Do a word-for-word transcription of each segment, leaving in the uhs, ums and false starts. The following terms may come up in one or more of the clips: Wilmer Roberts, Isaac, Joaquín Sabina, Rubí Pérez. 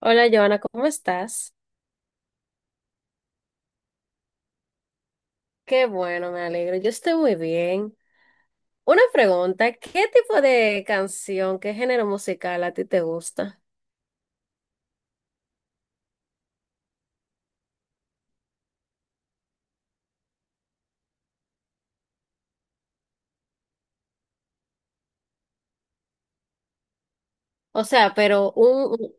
Hola, Joana, ¿cómo estás? Qué bueno, me alegro. Yo estoy muy bien. Una pregunta, ¿qué tipo de canción, qué género musical a ti te gusta? O sea, pero un, un-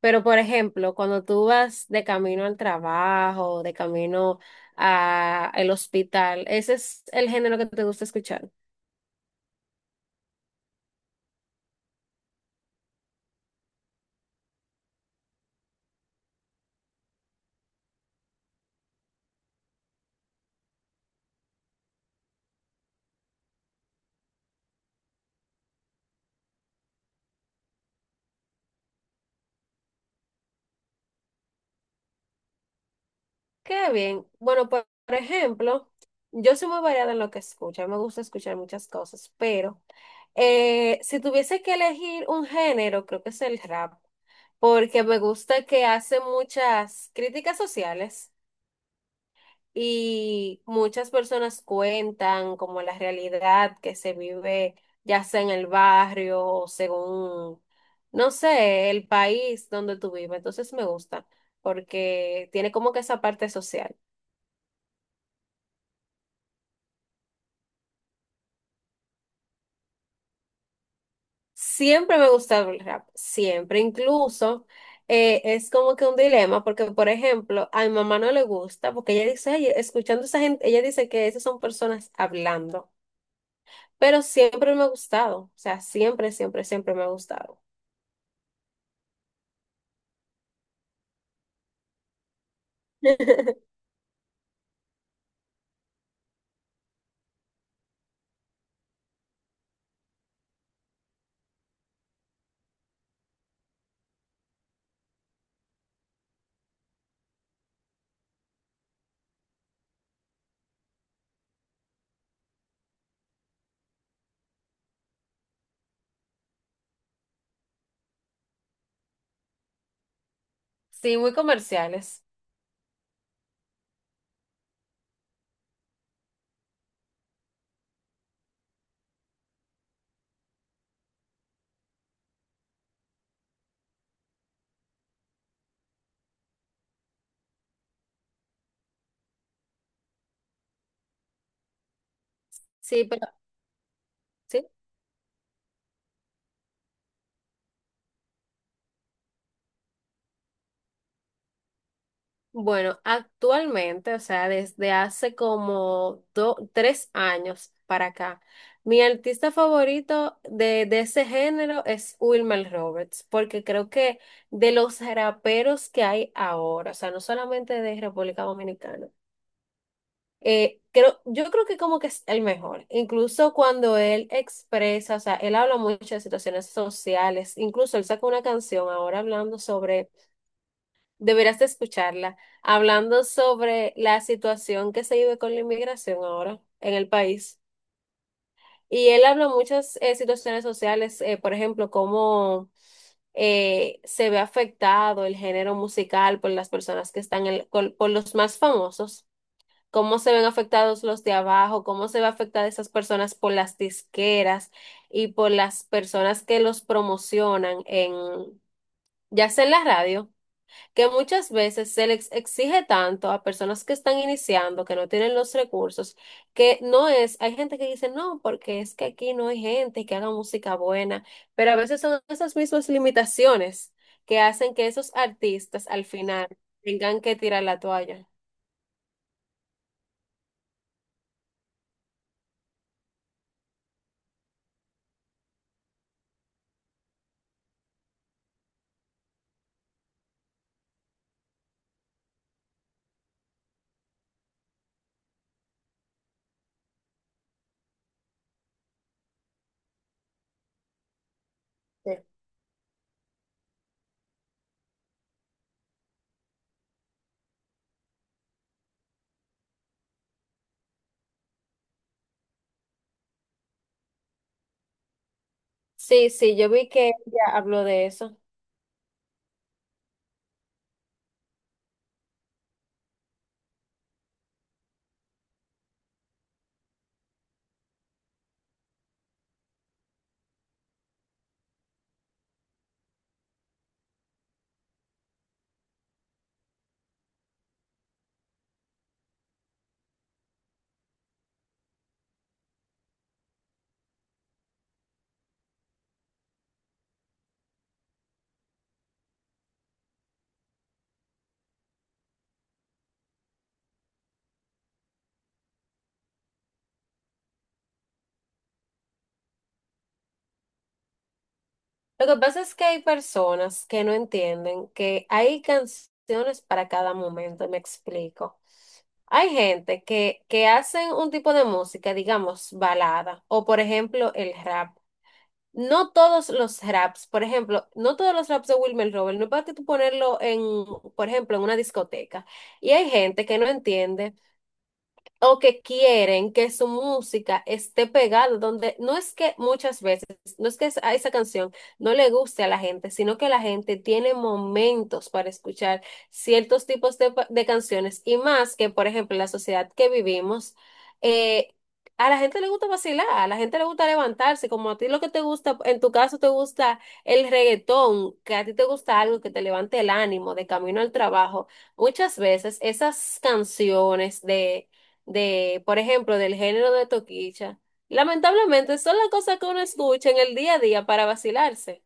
pero por ejemplo, cuando tú vas de camino al trabajo, de camino a el hospital, ¿ese es el género que te gusta escuchar? Qué bien. Bueno, por, por ejemplo, yo soy muy variada en lo que escucho. A mí me gusta escuchar muchas cosas, pero eh, si tuviese que elegir un género, creo que es el rap, porque me gusta que hace muchas críticas sociales y muchas personas cuentan como la realidad que se vive, ya sea en el barrio o según, no sé, el país donde tú vives. Entonces me gusta, porque tiene como que esa parte social. Siempre me gusta el rap, siempre, incluso eh, es como que un dilema, porque por ejemplo, a mi mamá no le gusta, porque ella dice, "Ay, escuchando esa gente, ella dice que esas son personas hablando, pero siempre me ha gustado, o sea, siempre, siempre, siempre me ha gustado. Sí, muy comerciales. Sí, pero sí. Bueno, actualmente, o sea, desde hace como do- tres años para acá, mi artista favorito de, de ese género es Wilmer Roberts, porque creo que de los raperos que hay ahora, o sea, no solamente de República Dominicana, eh, creo, yo creo que como que es el mejor, incluso cuando él expresa, o sea, él habla mucho de situaciones sociales, incluso él sacó una canción ahora hablando sobre Deberás de escucharla, hablando sobre la situación que se vive con la inmigración ahora en el país. Y él habla muchas eh, situaciones sociales, eh, por ejemplo, cómo eh, se ve afectado el género musical por las personas que están, en- col- por los más famosos, cómo se ven afectados los de abajo, cómo se ve afectada esas personas por las disqueras y por las personas que los promocionan en, ya sea en la radio, que muchas veces se les exige tanto a personas que están iniciando, que no tienen los recursos, que no es, hay gente que dice, no, porque es que aquí no hay gente que haga música buena, pero a veces son esas mismas limitaciones que hacen que esos artistas al final tengan que tirar la toalla. Sí. Sí, sí, yo vi que ella habló de eso. Lo que pasa es que hay personas que no entienden que hay canciones para cada momento, me explico. Hay gente que, que hacen un tipo de música, digamos, balada, o por ejemplo el rap. No todos los raps, por ejemplo, no todos los raps de Wilmer Robert, no es para que tú ponerlo en, por ejemplo, en una discoteca. Y hay gente que no entiende o que quieren que su música esté pegada donde no es que muchas veces, no es que es- a esa canción no le guste a la gente, sino que la gente tiene momentos para escuchar ciertos tipos de, pa- de canciones y más que, por ejemplo, en la sociedad que vivimos, eh, a la gente le gusta vacilar, a la gente le gusta levantarse, como a ti lo que te gusta, en tu caso te gusta el reggaetón, que a ti te gusta algo que te levante el ánimo de camino al trabajo. Muchas veces esas canciones de de, por ejemplo, del género de toquicha. Lamentablemente son las cosas que uno escucha en el día a día para vacilarse.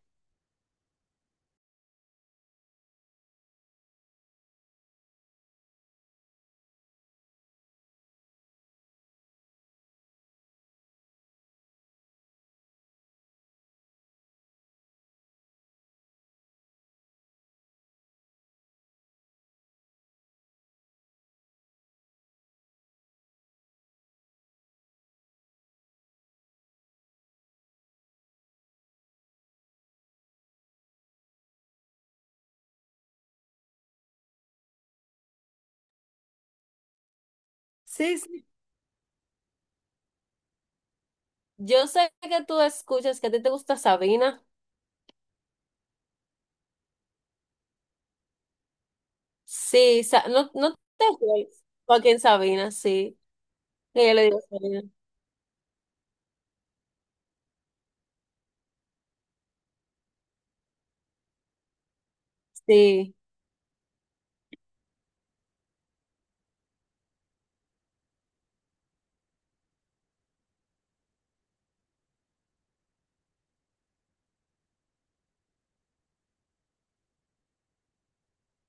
Sí, sí. Yo sé que tú escuchas que a ti te gusta Sabina. Sí, Sa- no, no te juegues. Joaquín Sabina, sí. Y yo le digo Sabina. Sí,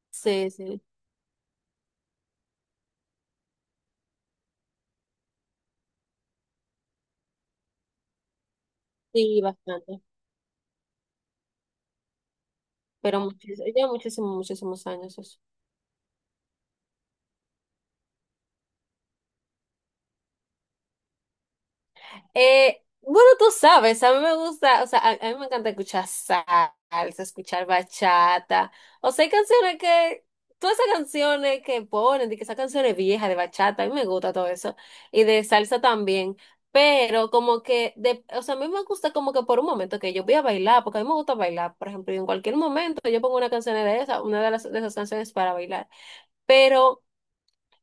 sí, sí. Sí, bastante. Pero muchísimo, ya muchísimos, muchísimos años eso. Eh, bueno, tú sabes, a mí me gusta, o sea, a, a mí me encanta escuchar salsa, escuchar bachata. O sea, hay canciones que, todas esas canciones que ponen, de que esas canciones viejas de bachata, a mí me gusta todo eso. Y de salsa también. Pero como que, de, o sea, a mí me gusta como que por un momento que yo voy a bailar, porque a mí me gusta bailar, por ejemplo, y en cualquier momento yo pongo una canción de esa, una de las, de esas canciones para bailar. Pero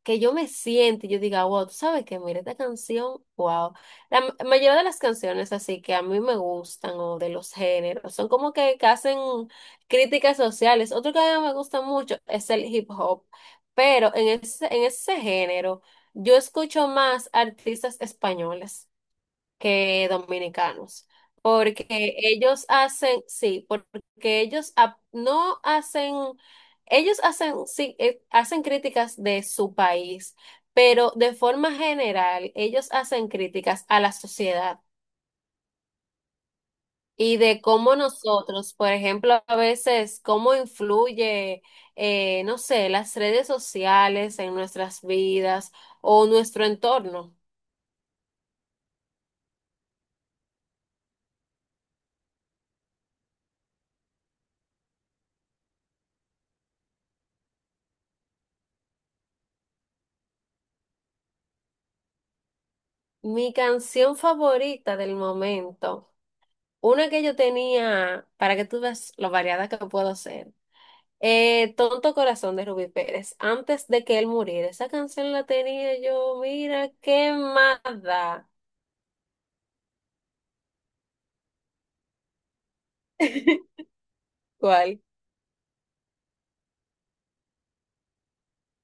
que yo me siente y yo diga, wow, tú sabes que mira esta canción, wow. La ma- mayoría de las canciones así que a mí me gustan o de los géneros son como que, que hacen críticas sociales. Otro que a mí me gusta mucho es el hip hop, pero en ese, en ese género yo escucho más artistas españoles que dominicanos, porque ellos hacen, sí, porque ellos ap- no hacen, ellos hacen, sí, eh, hacen críticas de su país, pero de forma general, ellos hacen críticas a la sociedad y de cómo nosotros, por ejemplo, a veces, cómo influye, eh, no sé, las redes sociales en nuestras vidas o nuestro entorno. Mi canción favorita del momento. Una que yo tenía, para que tú veas lo variada que puedo ser. Eh, Tonto Corazón de Rubí Pérez. Antes de que él muriera, esa canción la tenía yo, mira, quemada. ¿Cuál?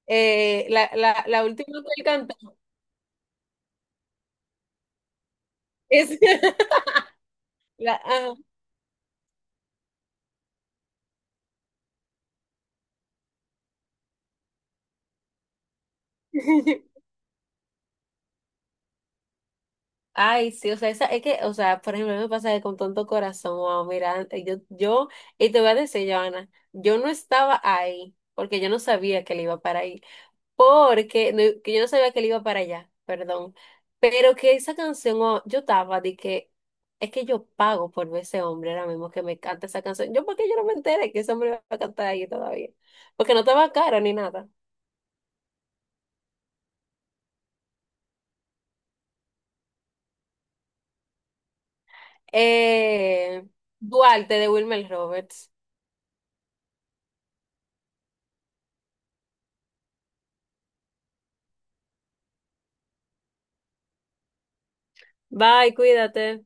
Eh, la, la, la última que él cantó es la, ah. Ay, sí, o sea, esa, es que, o sea, por ejemplo, a mí me pasa que con Tonto Corazón, wow, mira, eh, yo, yo, y te voy a decir, Joana, yo no estaba ahí, porque yo no sabía que él iba para ahí. Porque no- Que yo no sabía que él iba para allá, perdón. Pero que esa canción, oh, yo estaba de que es que yo pago por ver ese hombre ahora mismo que me canta esa canción. Yo, ¿porque yo no me enteré que ese hombre iba a cantar ahí todavía? Porque no estaba caro ni nada. Eh, Duarte de Wilmer Roberts. Bye, cuídate.